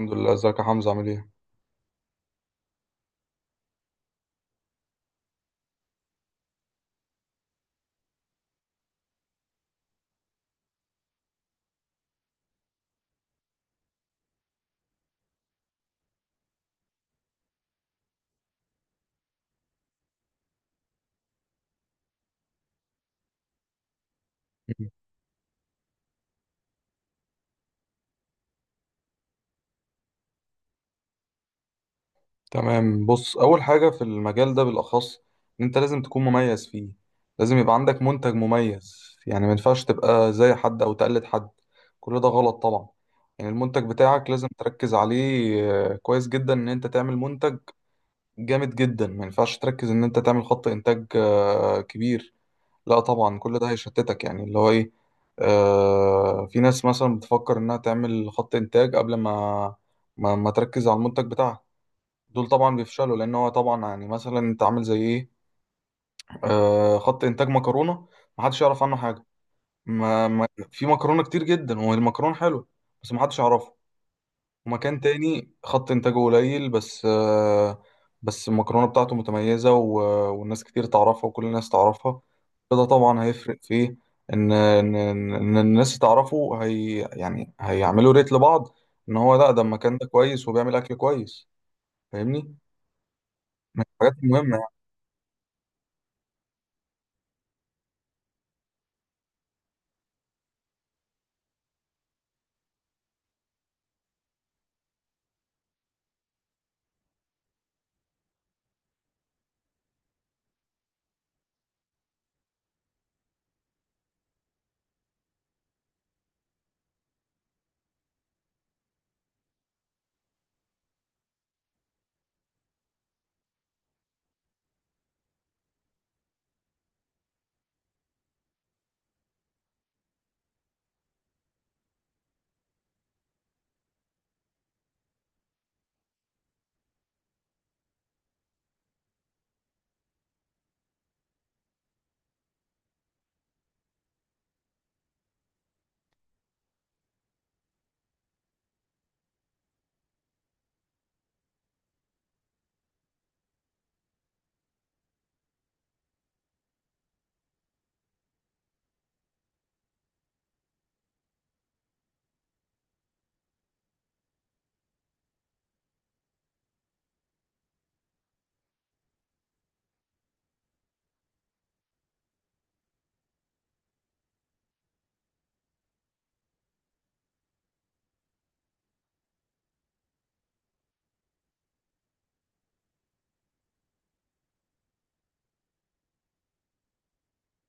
الحمد لله، ازيك يا حمزة؟ عامل ايه؟ مم. تمام، بص أول حاجة في المجال ده بالأخص إن أنت لازم تكون مميز فيه. لازم يبقى عندك منتج مميز، يعني ما ينفعش تبقى زي حد أو تقلد حد. كل ده غلط طبعا. يعني المنتج بتاعك لازم تركز عليه. كويس جدا إن أنت تعمل منتج جامد جدا. ما ينفعش تركز إن أنت تعمل خط إنتاج كبير. لا طبعا، كل ده هيشتتك، يعني اللي هو ايه. في ناس مثلا بتفكر انها تعمل خط انتاج قبل ما ما تركز على المنتج بتاعها. دول طبعا بيفشلوا، لان هو طبعا يعني مثلا انت عامل زي ايه؟ خط انتاج مكرونه، محدش يعرف عنه حاجه. ما في مكرونه كتير جدا والمكرونه حلوه، بس محدش يعرفها. ومكان تاني خط إنتاجه قليل، بس المكرونة بتاعته متميزة والناس كتير تعرفها وكل الناس تعرفها. فده طبعا هيفرق فيه. إن الناس تعرفه، هي يعني هيعملوا ريت لبعض، إن هو لا ده المكان ده كويس وبيعمل أكل كويس. فاهمني؟ من الحاجات المهمة يعني.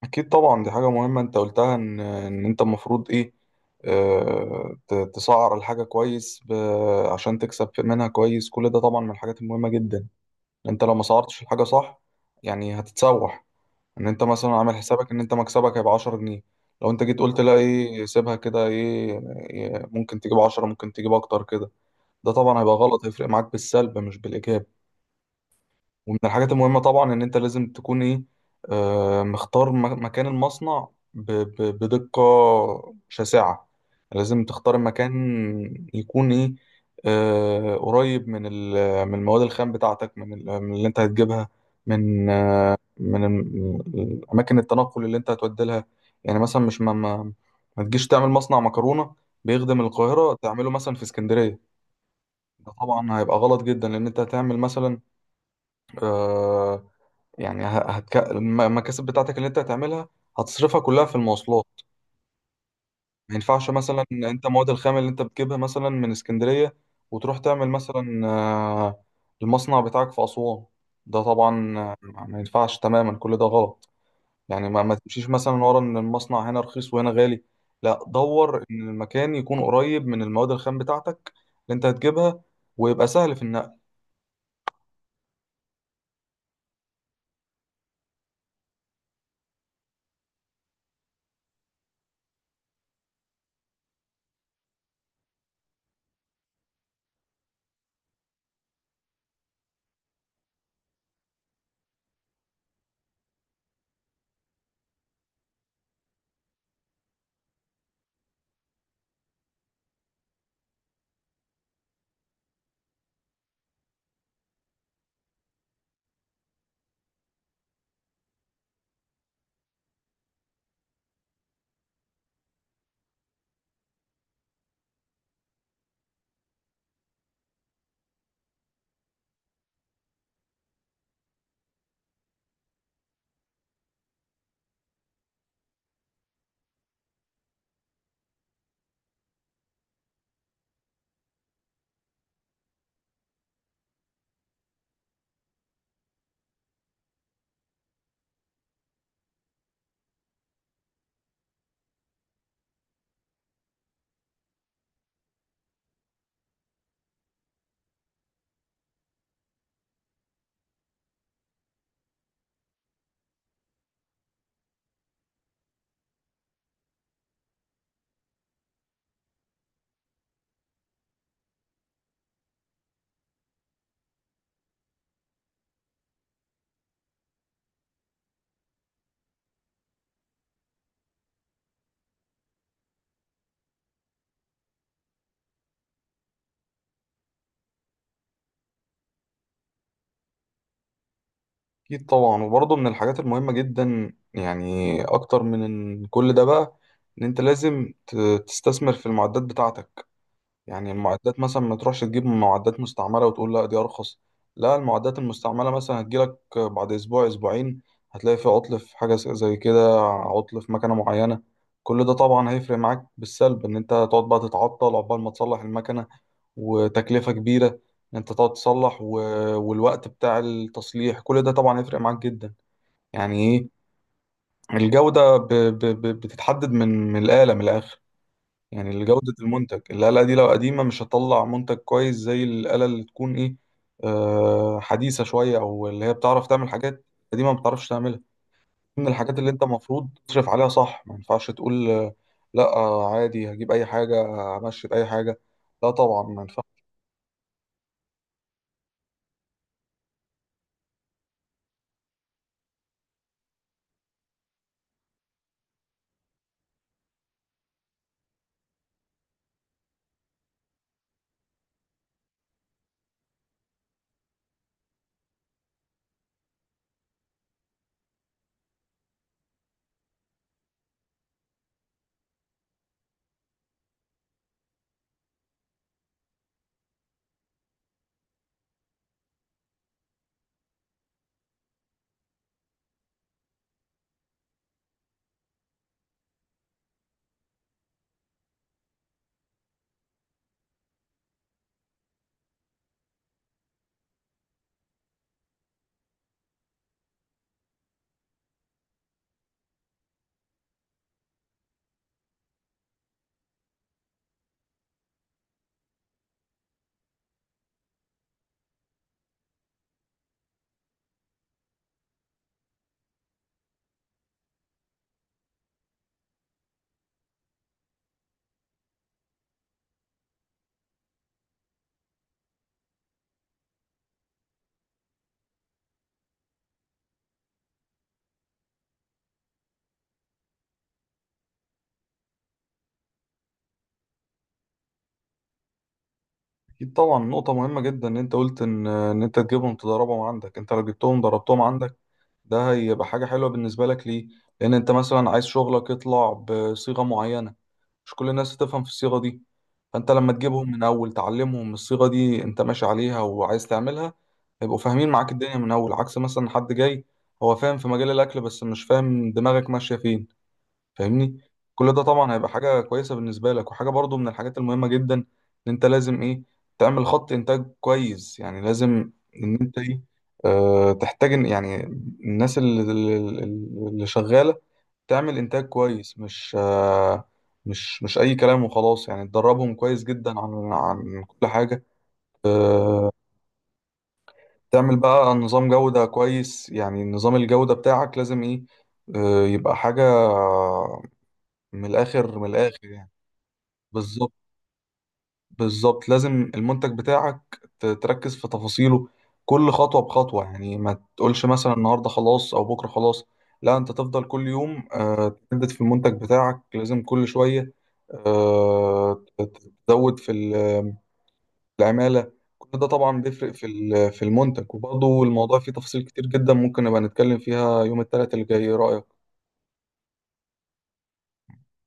أكيد طبعا دي حاجة مهمة أنت قلتها، إن أنت المفروض إيه، آه، تسعر الحاجة كويس، عشان تكسب منها كويس. كل ده طبعا من الحاجات المهمة جدا. انت لو ما صورتش الحاجة صح، يعني هتتسوح. ان انت مثلا عامل حسابك ان انت مكسبك هيبقى 10 جنيه، لو انت جيت قلت لا ايه سيبها كده ايه، ممكن تجيب 10، ممكن تجيب اكتر كده، ده طبعا هيبقى غلط، هيفرق معاك بالسلب مش بالايجاب. ومن الحاجات المهمة طبعا إن أنت لازم تكون إيه، آه، مختار مكان المصنع بدقة شاسعة. لازم تختار مكان يكون إيه، آه، قريب من من المواد الخام بتاعتك، من من اللي أنت هتجيبها، من آه، من أماكن التنقل اللي أنت هتودي لها. يعني مثلا مش ما ما ما تجيش تعمل مصنع مكرونة بيخدم القاهرة تعمله مثلا في اسكندرية. ده طبعا هيبقى غلط جدا، لأن أنت هتعمل مثلا، آه، يعني المكاسب بتاعتك اللي انت هتعملها هتصرفها كلها في المواصلات. ما ينفعش مثلا ان انت مواد الخام اللي انت بتجيبها مثلا من اسكندرية، وتروح تعمل مثلا، المصنع بتاعك في أسوان. ده طبعا ما ينفعش تماما، كل ده غلط. يعني ما تمشيش مثلا ورا ان المصنع هنا رخيص وهنا غالي. لا، دور ان المكان يكون قريب من المواد الخام بتاعتك اللي انت هتجيبها ويبقى سهل في النقل. أكيد طبعا، وبرضه من الحاجات المهمة جدا، يعني أكتر من إن كل ده بقى، إن أنت لازم تستثمر في المعدات بتاعتك. يعني المعدات مثلا ما تروحش تجيب معدات مستعملة وتقول لا دي أرخص. لا، المعدات المستعملة مثلا هتجيلك بعد أسبوع أسبوعين، هتلاقي في عطل، في حاجة زي كده، عطل في مكنة معينة. كل ده طبعا هيفرق معاك بالسلب، إن أنت هتقعد بقى تتعطل عقبال ما تصلح المكنة، وتكلفة كبيرة، إن أنت تقعد تصلح والوقت بتاع التصليح، كل ده طبعا هيفرق معاك جدا. يعني ايه، الجودة بتتحدد من الآلة، من الآخر. يعني جودة المنتج، الآلة دي لو قديمة مش هتطلع منتج كويس زي الآلة اللي تكون ايه، آه، حديثة شوية، أو اللي هي بتعرف تعمل حاجات قديمة ما بتعرفش تعملها. من الحاجات اللي أنت المفروض تصرف عليها صح. ما ينفعش تقول، لا، عادي هجيب أي حاجة، همشي بأي حاجة. لا طبعا، ما ينفعش. اكيد طبعا، نقطة مهمة جدا ان انت قلت ان انت تجيبهم تدربهم عندك. انت لو جبتهم دربتهم عندك، ده هيبقى حاجة حلوة بالنسبة لك. ليه؟ لان انت مثلا عايز شغلك يطلع بصيغة معينة، مش كل الناس تفهم في الصيغة دي. فانت لما تجيبهم من اول تعلمهم الصيغة دي انت ماشي عليها وعايز تعملها، هيبقوا فاهمين معاك الدنيا من اول، عكس مثلا حد جاي هو فاهم في مجال الاكل بس مش فاهم دماغك ماشية فين. فاهمني؟ كل ده طبعا هيبقى حاجة كويسة بالنسبة لك. وحاجة برضو من الحاجات المهمة جدا ان انت لازم ايه، تعمل خط انتاج كويس. يعني لازم ان انت ايه، اه، تحتاج يعني الناس اللي شغالة تعمل انتاج كويس، مش اه، مش اي كلام وخلاص، يعني تدربهم كويس جدا عن كل حاجة. اه. تعمل بقى نظام جودة كويس، يعني نظام الجودة بتاعك لازم ايه، اه، يبقى حاجة من الآخر، من الآخر يعني. بالظبط، بالظبط. لازم المنتج بتاعك تركز في تفاصيله، كل خطوة بخطوة، يعني ما تقولش مثلا النهاردة خلاص أو بكرة خلاص. لا، أنت تفضل كل يوم، آه، تجدد في المنتج بتاعك، لازم كل شوية، آه، تزود في العمالة. كل ده طبعا بيفرق في في المنتج. وبرضه الموضوع فيه تفاصيل كتير جدا، ممكن نبقى نتكلم فيها يوم الثلاث اللي جاي. إيه رأيك؟